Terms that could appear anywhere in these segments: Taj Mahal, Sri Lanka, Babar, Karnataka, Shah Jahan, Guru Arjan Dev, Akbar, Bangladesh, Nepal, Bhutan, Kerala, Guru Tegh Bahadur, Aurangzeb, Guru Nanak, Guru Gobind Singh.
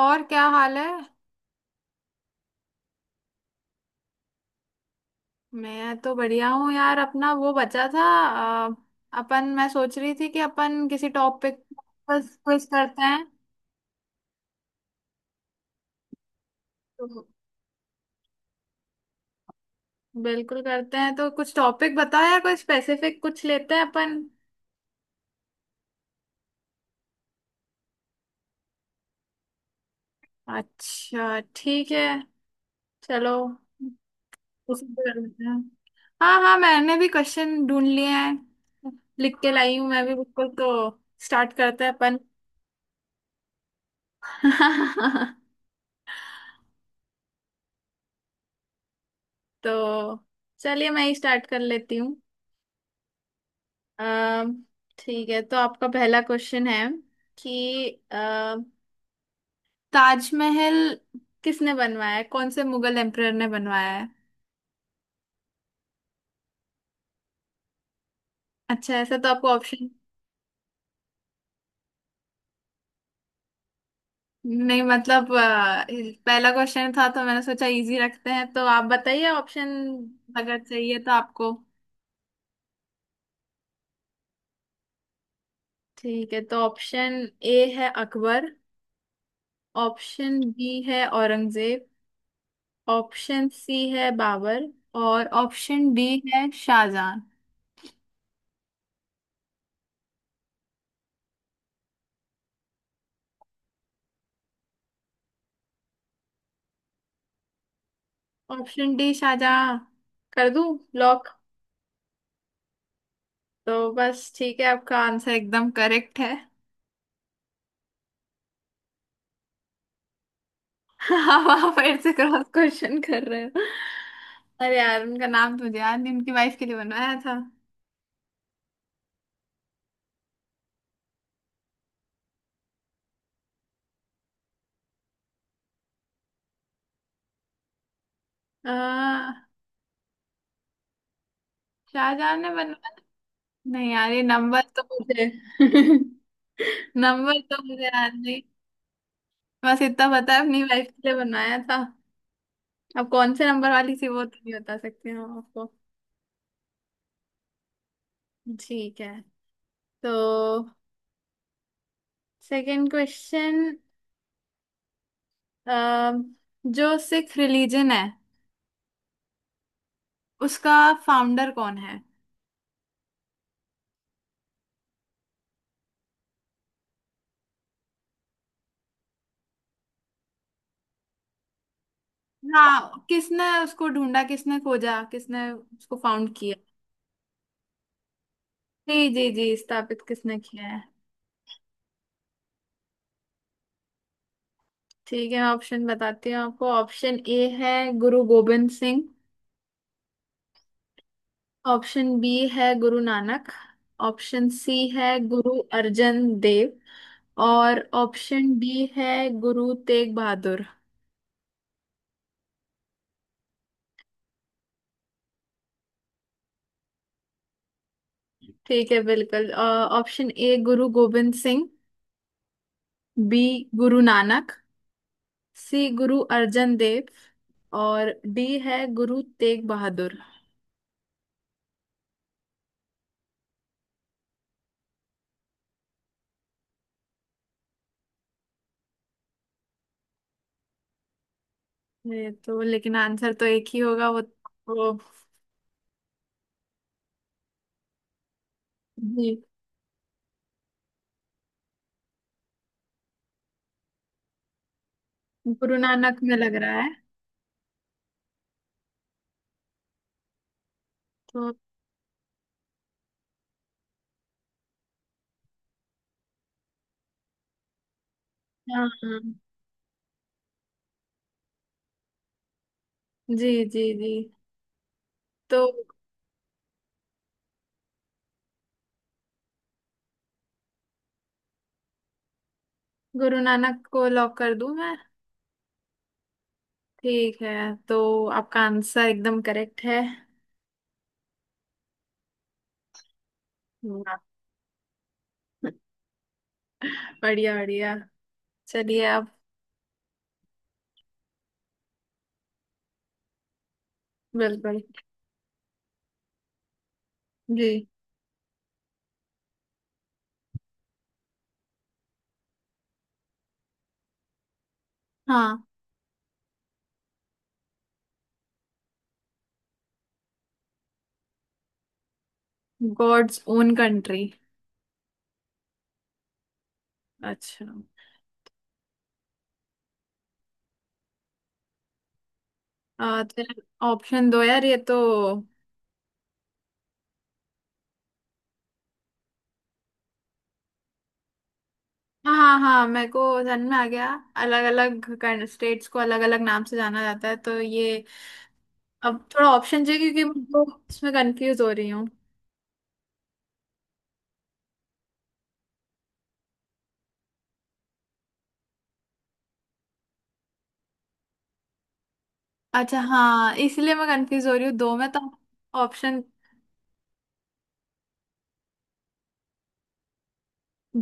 और क्या हाल है। मैं तो बढ़िया हूँ यार। अपना वो बचा था। अ, अपन, मैं सोच रही थी कि अपन किसी टॉपिक, बस क्विज करते हैं तो। बिल्कुल करते हैं, तो कुछ टॉपिक बताओ यार, कोई स्पेसिफिक कुछ लेते हैं अपन। अच्छा ठीक है। चलो, उसी पे कर लेते हैं। हाँ हाँ, मैंने भी क्वेश्चन ढूंढ लिए हैं। लिख के लाई हूँ मैं भी बिल्कुल। तो स्टार्ट करते हैं अपन। तो चलिए, मैं ही स्टार्ट कर लेती। अम, ठीक है, तो आपका पहला क्वेश्चन है कि ताजमहल किसने बनवाया है, कौन से मुगल एम्परर ने बनवाया है। अच्छा, ऐसा तो आपको ऑप्शन। नहीं मतलब, पहला क्वेश्चन था तो मैंने सोचा इजी रखते हैं, तो आप बताइए ऑप्शन अगर चाहिए तो आपको। ठीक है, तो ऑप्शन ए है अकबर, ऑप्शन बी है औरंगजेब, ऑप्शन सी है बाबर, और ऑप्शन डी है शाहजहां। ऑप्शन डी शाहजहां कर दूं लॉक। तो बस ठीक है, आपका आंसर एकदम करेक्ट है। अब आप फिर से क्रॉस क्वेश्चन कर रहे हो। अरे यार, उनका नाम तो मुझे याद नहीं, उनकी वाइफ के लिए बनवाया था। आ, शाहजहां ने बनवाया। नहीं यार, ये नंबर तो मुझे नंबर तो मुझे याद नहीं। बस इतना पता है, अपनी वाइफ के लिए बनवाया था। अब कौन से नंबर वाली थी वो तो नहीं बता सकते हम आपको। ठीक है, तो सेकंड क्वेश्चन, अ, जो सिख रिलीजन है उसका फाउंडर कौन है। हाँ, किसने उसको ढूंढा, किसने खोजा, किसने उसको फाउंड किया। जी जी जी, स्थापित किसने किया है। ठीक है, ऑप्शन बताती हूँ आपको। ऑप्शन ए है गुरु गोबिंद सिंह, ऑप्शन बी है गुरु नानक, ऑप्शन सी है गुरु अर्जन देव, और ऑप्शन डी है गुरु तेग बहादुर। ठीक है बिल्कुल। Option A Guru Gobind Singh, B Guru Nanak, C Guru Arjan Dev, और डी है गुरु तेग बहादुर। ये तो लेकिन आंसर तो एक ही होगा। वो जी, गुरु नानक में लग रहा है तो। हाँ हाँ, जी जी जी। तो गुरु नानक को लॉक कर दूं मैं। ठीक है, तो आपका आंसर एकदम करेक्ट है। वाह, बढ़िया बढ़िया। चलिए आप। बिल्कुल। जी हाँ। God's own country. अच्छा। तो ऑप्शन दो यार ये तो। हाँ हाँ हाँ, मेरे को सन में आ गया। अलग अलग स्टेट्स को अलग अलग नाम से जाना जाता है तो ये। अब थोड़ा ऑप्शन चाहिए क्योंकि मैं दो इसमें कंफ्यूज हो रही हूँ। अच्छा हाँ, इसलिए मैं कंफ्यूज हो रही हूँ दो में तो। ऑप्शन।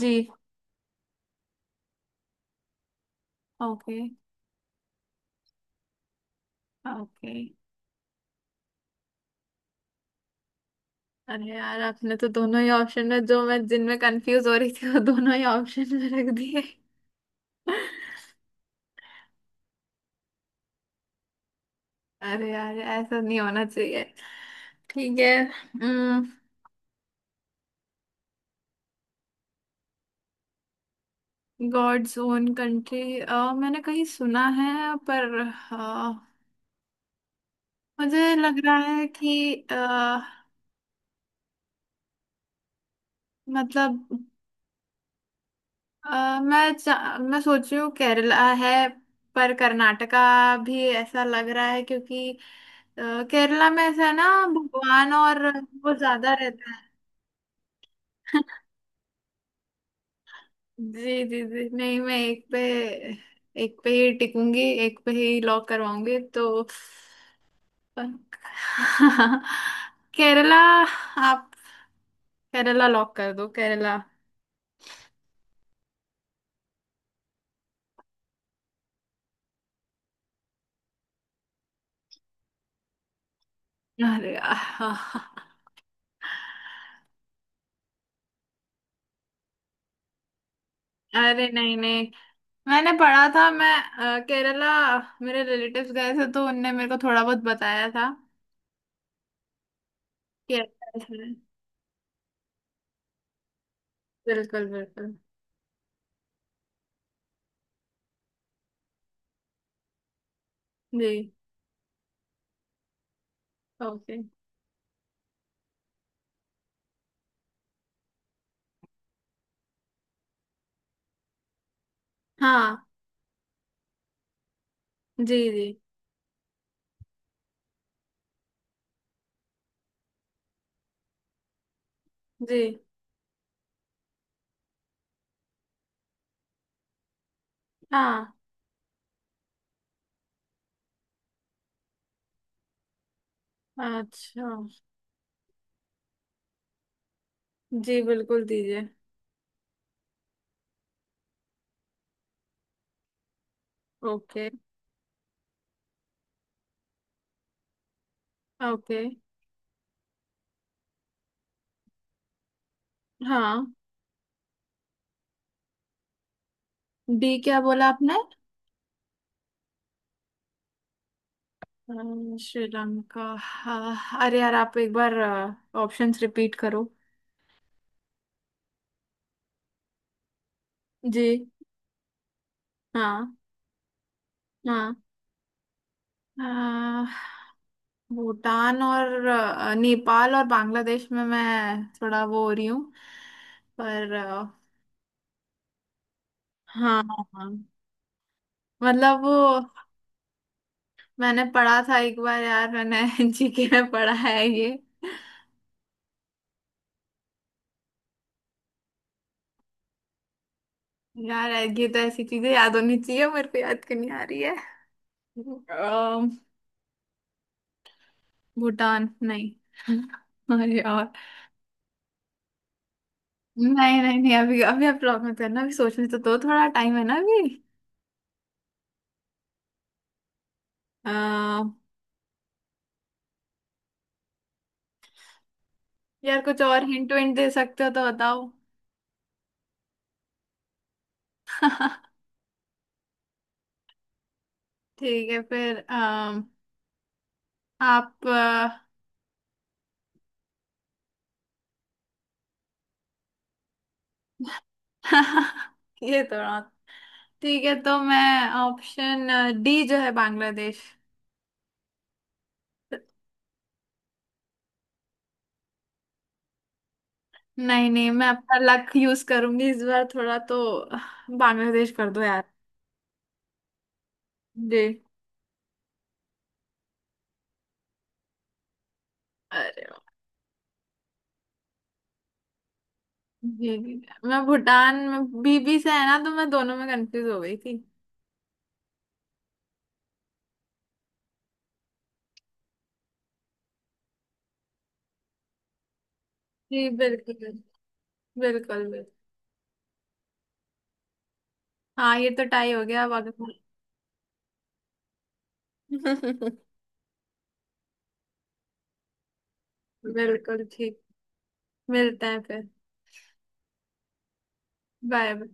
जी। ओके। ओके। अरे यार, आपने तो दोनों ही ऑप्शन में जो मैं जिनमें कंफ्यूज हो रही थी वो दोनों ही ऑप्शन में रख दिए। अरे यार, ऐसा नहीं होना चाहिए। ठीक है। गॉड्स ओन कंट्री मैंने कहीं सुना है, पर मुझे लग रहा है कि मतलब, मैं सोच रही हूँ केरला है, पर कर्नाटका भी ऐसा लग रहा है क्योंकि अ, केरला में ऐसा है ना, भगवान और वो ज्यादा रहता है। जी जी जी। नहीं मैं एक पे ही टिकूंगी, एक पे ही लॉक करवाऊंगी तो। केरला। आप केरला लॉक कर दो, केरला। अरे आह, अरे नहीं नहीं, मैंने पढ़ा था मैं। केरला, मेरे रिलेटिव्स गए थे तो उनने मेरे को थोड़ा बहुत बताया था कि ऐसा ऐसा है। बिल्कुल बिल्कुल। जी। ओके। हाँ। जी जी जी। हाँ। अच्छा। जी बिल्कुल दीजिए। ओके। ओके। हाँ। डी क्या बोला आपने। श्रीलंका हाँ, अरे यार आप एक बार ऑप्शंस रिपीट करो। जी। हाँ। हाँ। आ, भूटान और नेपाल और बांग्लादेश में मैं थोड़ा वो हो रही हूँ, पर आ। हाँ। हाँ। मतलब वो, मैंने पढ़ा था एक बार यार, मैंने जीके में पढ़ा है ये यार। ये तो ऐसी चीजें याद होनी चाहिए, मेरे को याद क्यों नहीं आ रही है। आ, भूटान नहीं। अरे यार, नहीं नहीं नहीं, अभी अभी आप लॉक मत करना, अभी सोचने तो दो, थोड़ा टाइम है ना अभी। आ, यार कुछ और हिंट विंट दे सकते हो तो बताओ। ठीक है फिर। आप अ। ये तो रहा। ठीक है, तो मैं ऑप्शन डी जो है बांग्लादेश। नहीं नहीं, मैं अपना लक यूज करूंगी इस बार थोड़ा तो। बांग्लादेश कर दो यार। जी। अरे, जी जी, मैं भूटान में बीबी से है ना, तो मैं दोनों में कंफ्यूज हो गई थी। जी बिल्कुल, बिल्कुल बिल्कुल। हाँ ये तो टाई हो गया अब अगर। बिल्कुल ठीक, मिलते हैं फिर। बाय।